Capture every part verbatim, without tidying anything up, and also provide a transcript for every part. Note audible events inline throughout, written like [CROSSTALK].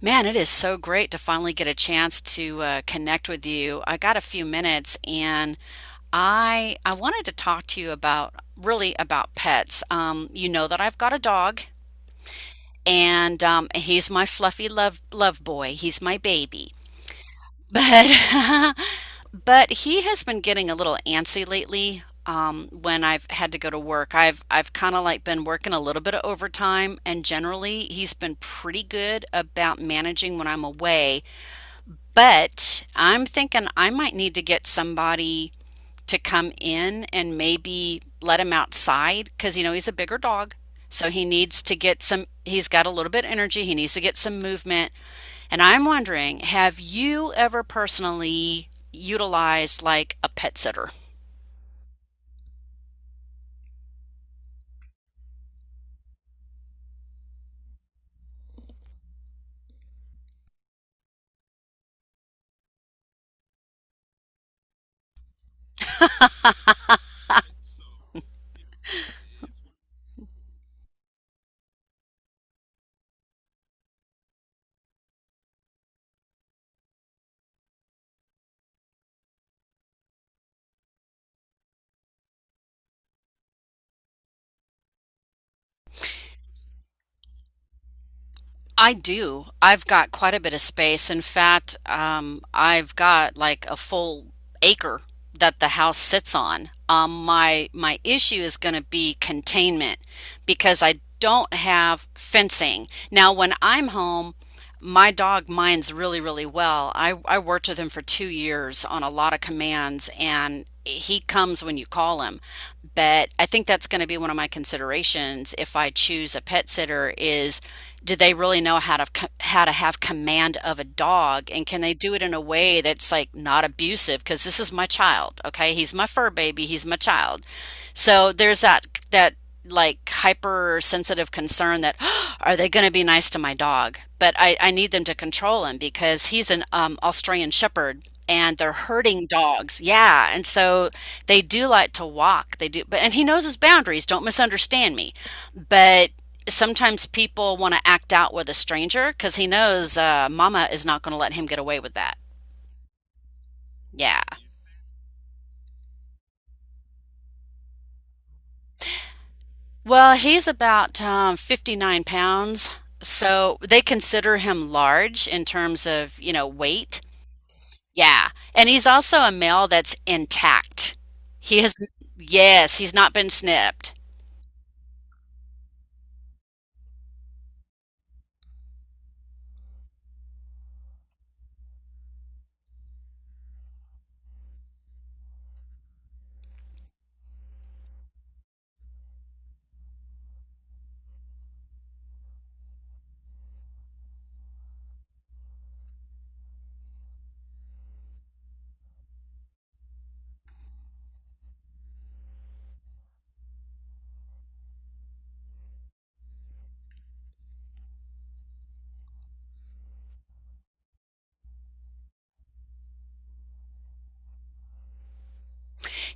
Man, it is so great to finally get a chance to uh, connect with you. I got a few minutes and I I wanted to talk to you about really about pets. Um, you know that I've got a dog and um, he's my fluffy love love boy. He's my baby. But [LAUGHS] but he has been getting a little antsy lately um, when I've had to go to work. I've I've kind of like been working a little bit of overtime and generally he's been pretty good about managing when I'm away, but I'm thinking I might need to get somebody to come in and maybe let him outside because, you know, he's a bigger dog. So he needs to get some, he's got a little bit of energy. He needs to get some movement. And I'm wondering, have you ever personally utilized like a pet sitter? I do. I've got quite a bit of space. In fact, um, I've got like a full acre that the house sits on. Um, my my issue is going to be containment because I don't have fencing. Now, when I'm home, my dog minds really, really well. I, I worked with him for two years on a lot of commands, and he comes when you call him. But I think that's going to be one of my considerations if I choose a pet sitter is do they really know how to co- how to have command of a dog, and can they do it in a way that's like not abusive, because this is my child. Okay, he's my fur baby, he's my child. So there's that, that like hypersensitive concern that [GASPS] oh, are they going to be nice to my dog? But I, I need them to control him because he's an um, Australian Shepherd and they're herding dogs. Yeah, and so they do like to walk. They do, but and he knows his boundaries. Don't misunderstand me. But sometimes people want to act out with a stranger because he knows uh, Mama is not going to let him get away with that. Yeah. Well, he's about um, fifty-nine pounds, so they consider him large in terms of, you know, weight. Yeah. And he's also a male that's intact. He has, yes, he's not been snipped.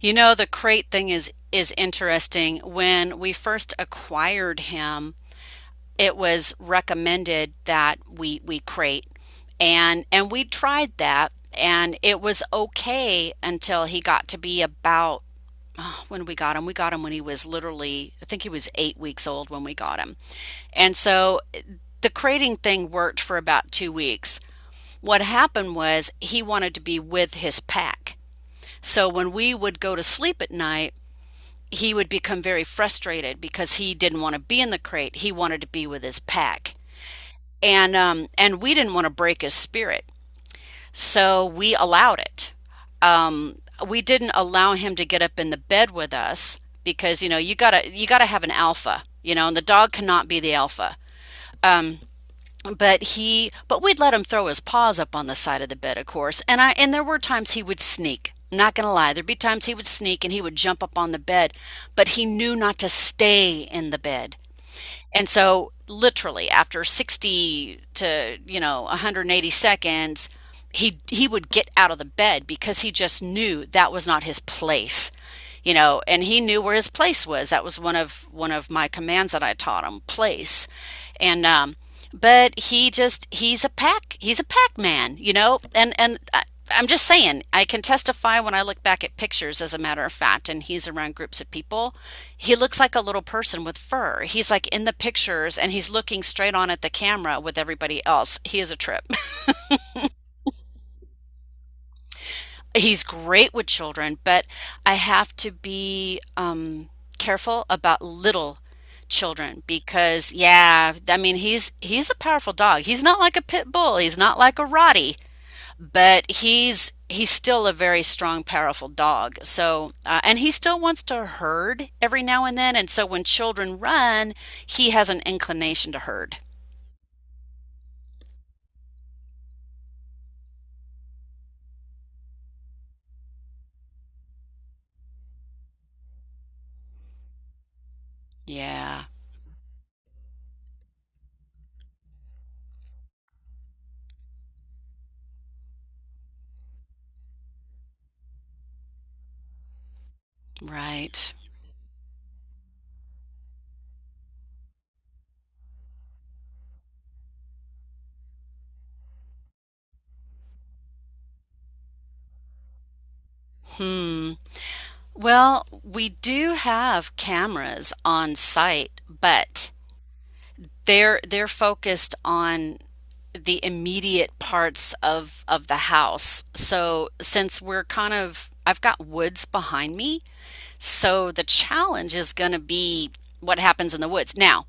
You know, the crate thing is is interesting. When we first acquired him, it was recommended that we we crate. And and we tried that and it was okay until he got to be about [SIGHS] oh, when we got him, we got him when he was literally, I think he was eight weeks old when we got him. And so eh, the crating thing worked for about two weeks. What happened was he wanted to be with his pack. So when we would go to sleep at night, he would become very frustrated because he didn't want to be in the crate. He wanted to be with his pack. And um, and we didn't want to break his spirit. So we allowed it. Um, we didn't allow him to get up in the bed with us because you know you gotta you gotta have an alpha, you know, and the dog cannot be the alpha. But he, but we'd let him throw his paws up on the side of the bed, of course. And I and there were times he would sneak. I'm not gonna lie, there'd be times he would sneak and he would jump up on the bed, but he knew not to stay in the bed. And so, literally, after sixty to, you know, one hundred eighty seconds, he he would get out of the bed because he just knew that was not his place. You know, and he knew where his place was. That was one of one of my commands that I taught him, place. And um but he just he's a pack he's a pack man, you know, and and I, I'm just saying I can testify when I look back at pictures, as a matter of fact, and he's around groups of people, he looks like a little person with fur. He's like in the pictures and he's looking straight on at the camera with everybody else. He is a trip. [LAUGHS] He's great with children, but I have to be um, careful about little children because yeah, I mean he's he's a powerful dog. He's not like a pit bull. He's not like a Rottie. But he's he's still a very strong, powerful dog. So, uh, and he still wants to herd every now and then. And so, when children run, he has an inclination to herd. Yeah, right. Hmm. Well, we do have cameras on site, but they're they're focused on the immediate parts of of the house. So, since we're kind of I've got woods behind me, so the challenge is going to be what happens in the woods. Now,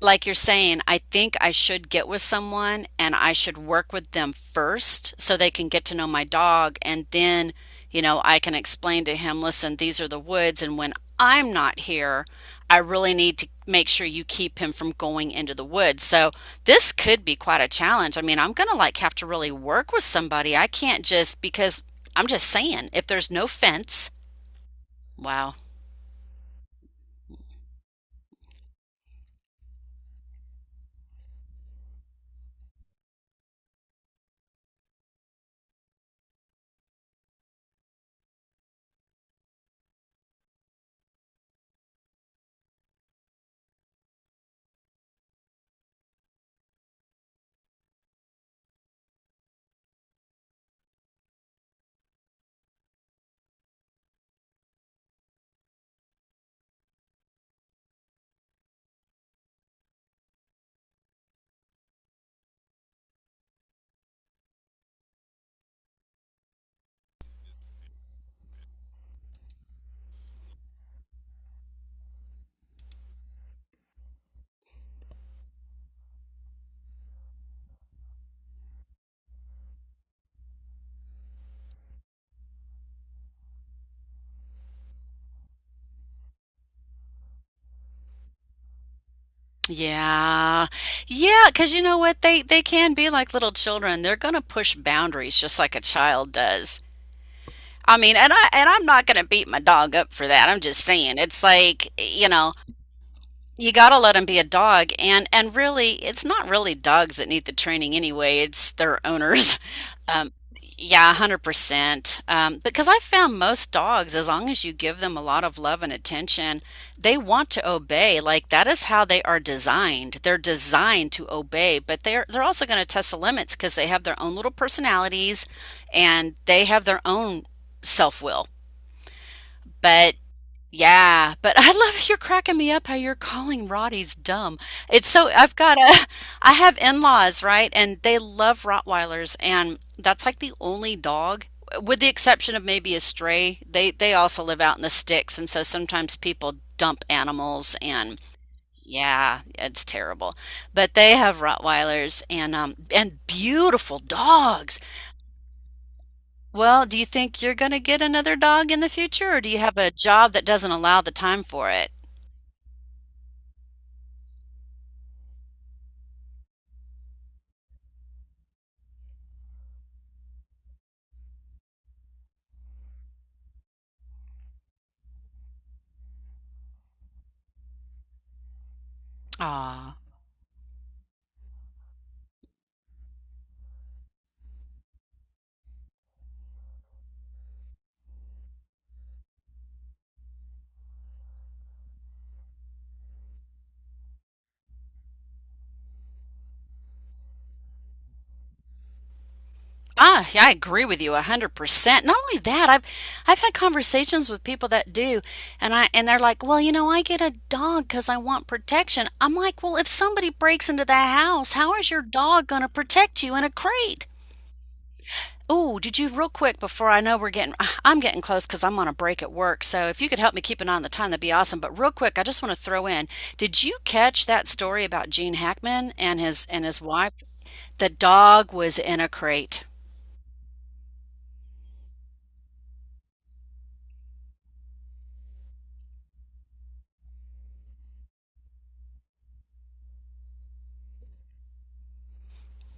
like you're saying, I think I should get with someone and I should work with them first so they can get to know my dog. And then, you know, I can explain to him, listen, these are the woods. And when I'm not here, I really need to make sure you keep him from going into the woods. So this could be quite a challenge. I mean, I'm going to like have to really work with somebody. I can't just because I'm just saying, if there's no fence, wow. Yeah. Yeah, because you know what? They they can be like little children. They're gonna push boundaries just like a child does. I mean, and I and I'm not gonna beat my dog up for that. I'm just saying. It's like, you know, you got to let them be a dog, and and really it's not really dogs that need the training anyway, it's their owners. [LAUGHS] um, yeah, a hundred percent. Um, because I found most dogs, as long as you give them a lot of love and attention, they want to obey. Like that is how they are designed. They're designed to obey, but they're they're also going to test the limits because they have their own little personalities and they have their own self-will. But yeah, but I love you're cracking me up how you're calling Rotties dumb. It's so I've got a [LAUGHS] I have in-laws, right? And they love Rottweilers and that's like the only dog with the exception of maybe a stray. They they also live out in the sticks and so sometimes people dump animals and yeah, it's terrible. But they have Rottweilers and um and beautiful dogs. Well, do you think you're going to get another dog in the future or do you have a job that doesn't allow the time for it? Ah, ah, yeah, I agree with you a hundred percent. Not only that, I've I've had conversations with people that do and I and they're like, "Well, you know, I get a dog 'cause I want protection." I'm like, "Well, if somebody breaks into the house, how is your dog going to protect you in a crate?" Oh, did you real quick before I know we're getting [SIGHS] I'm getting close 'cause I'm on a break at work. So if you could help me keep an eye on the time, that'd be awesome. But real quick, I just want to throw in, did you catch that story about Gene Hackman and his and his wife? The dog was in a crate.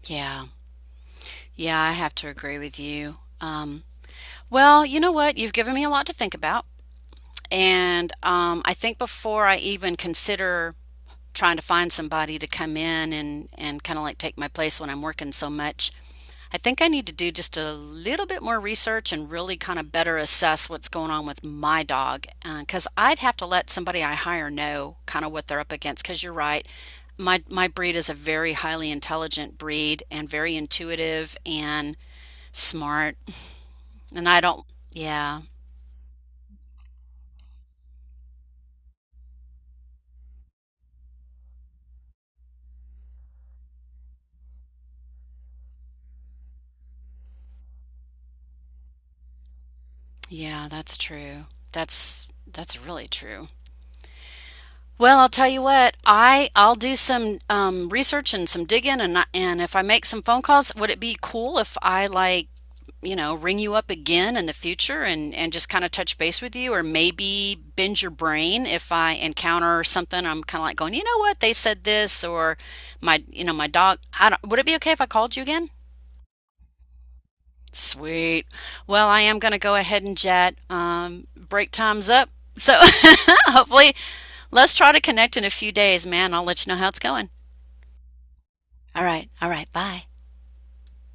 Yeah. Yeah, I have to agree with you. Um, well, you know what? You've given me a lot to think about. And um, I think before I even consider trying to find somebody to come in and, and kind of like take my place when I'm working so much, I think I need to do just a little bit more research and really kind of better assess what's going on with my dog. Because I'd have to let somebody I hire know kind of what they're up against. Because you're right, my my breed is a very highly intelligent breed and very intuitive and smart and I don't, yeah, yeah, that's true. That's that's really true. Well, I'll tell you what, I I'll do some um, research and some digging, and I- and if I make some phone calls, would it be cool if I like you know ring you up again in the future and and just kind of touch base with you, or maybe bend your brain if I encounter something I'm kind of like going, you know what, they said this, or my you know my dog. I don't. Would it be okay if I called you again? Sweet. Well, I am going to go ahead and jet. Um, break time's up. So [LAUGHS] hopefully, let's try to connect in a few days, man. I'll let you know how it's going. All right. All right. Bye.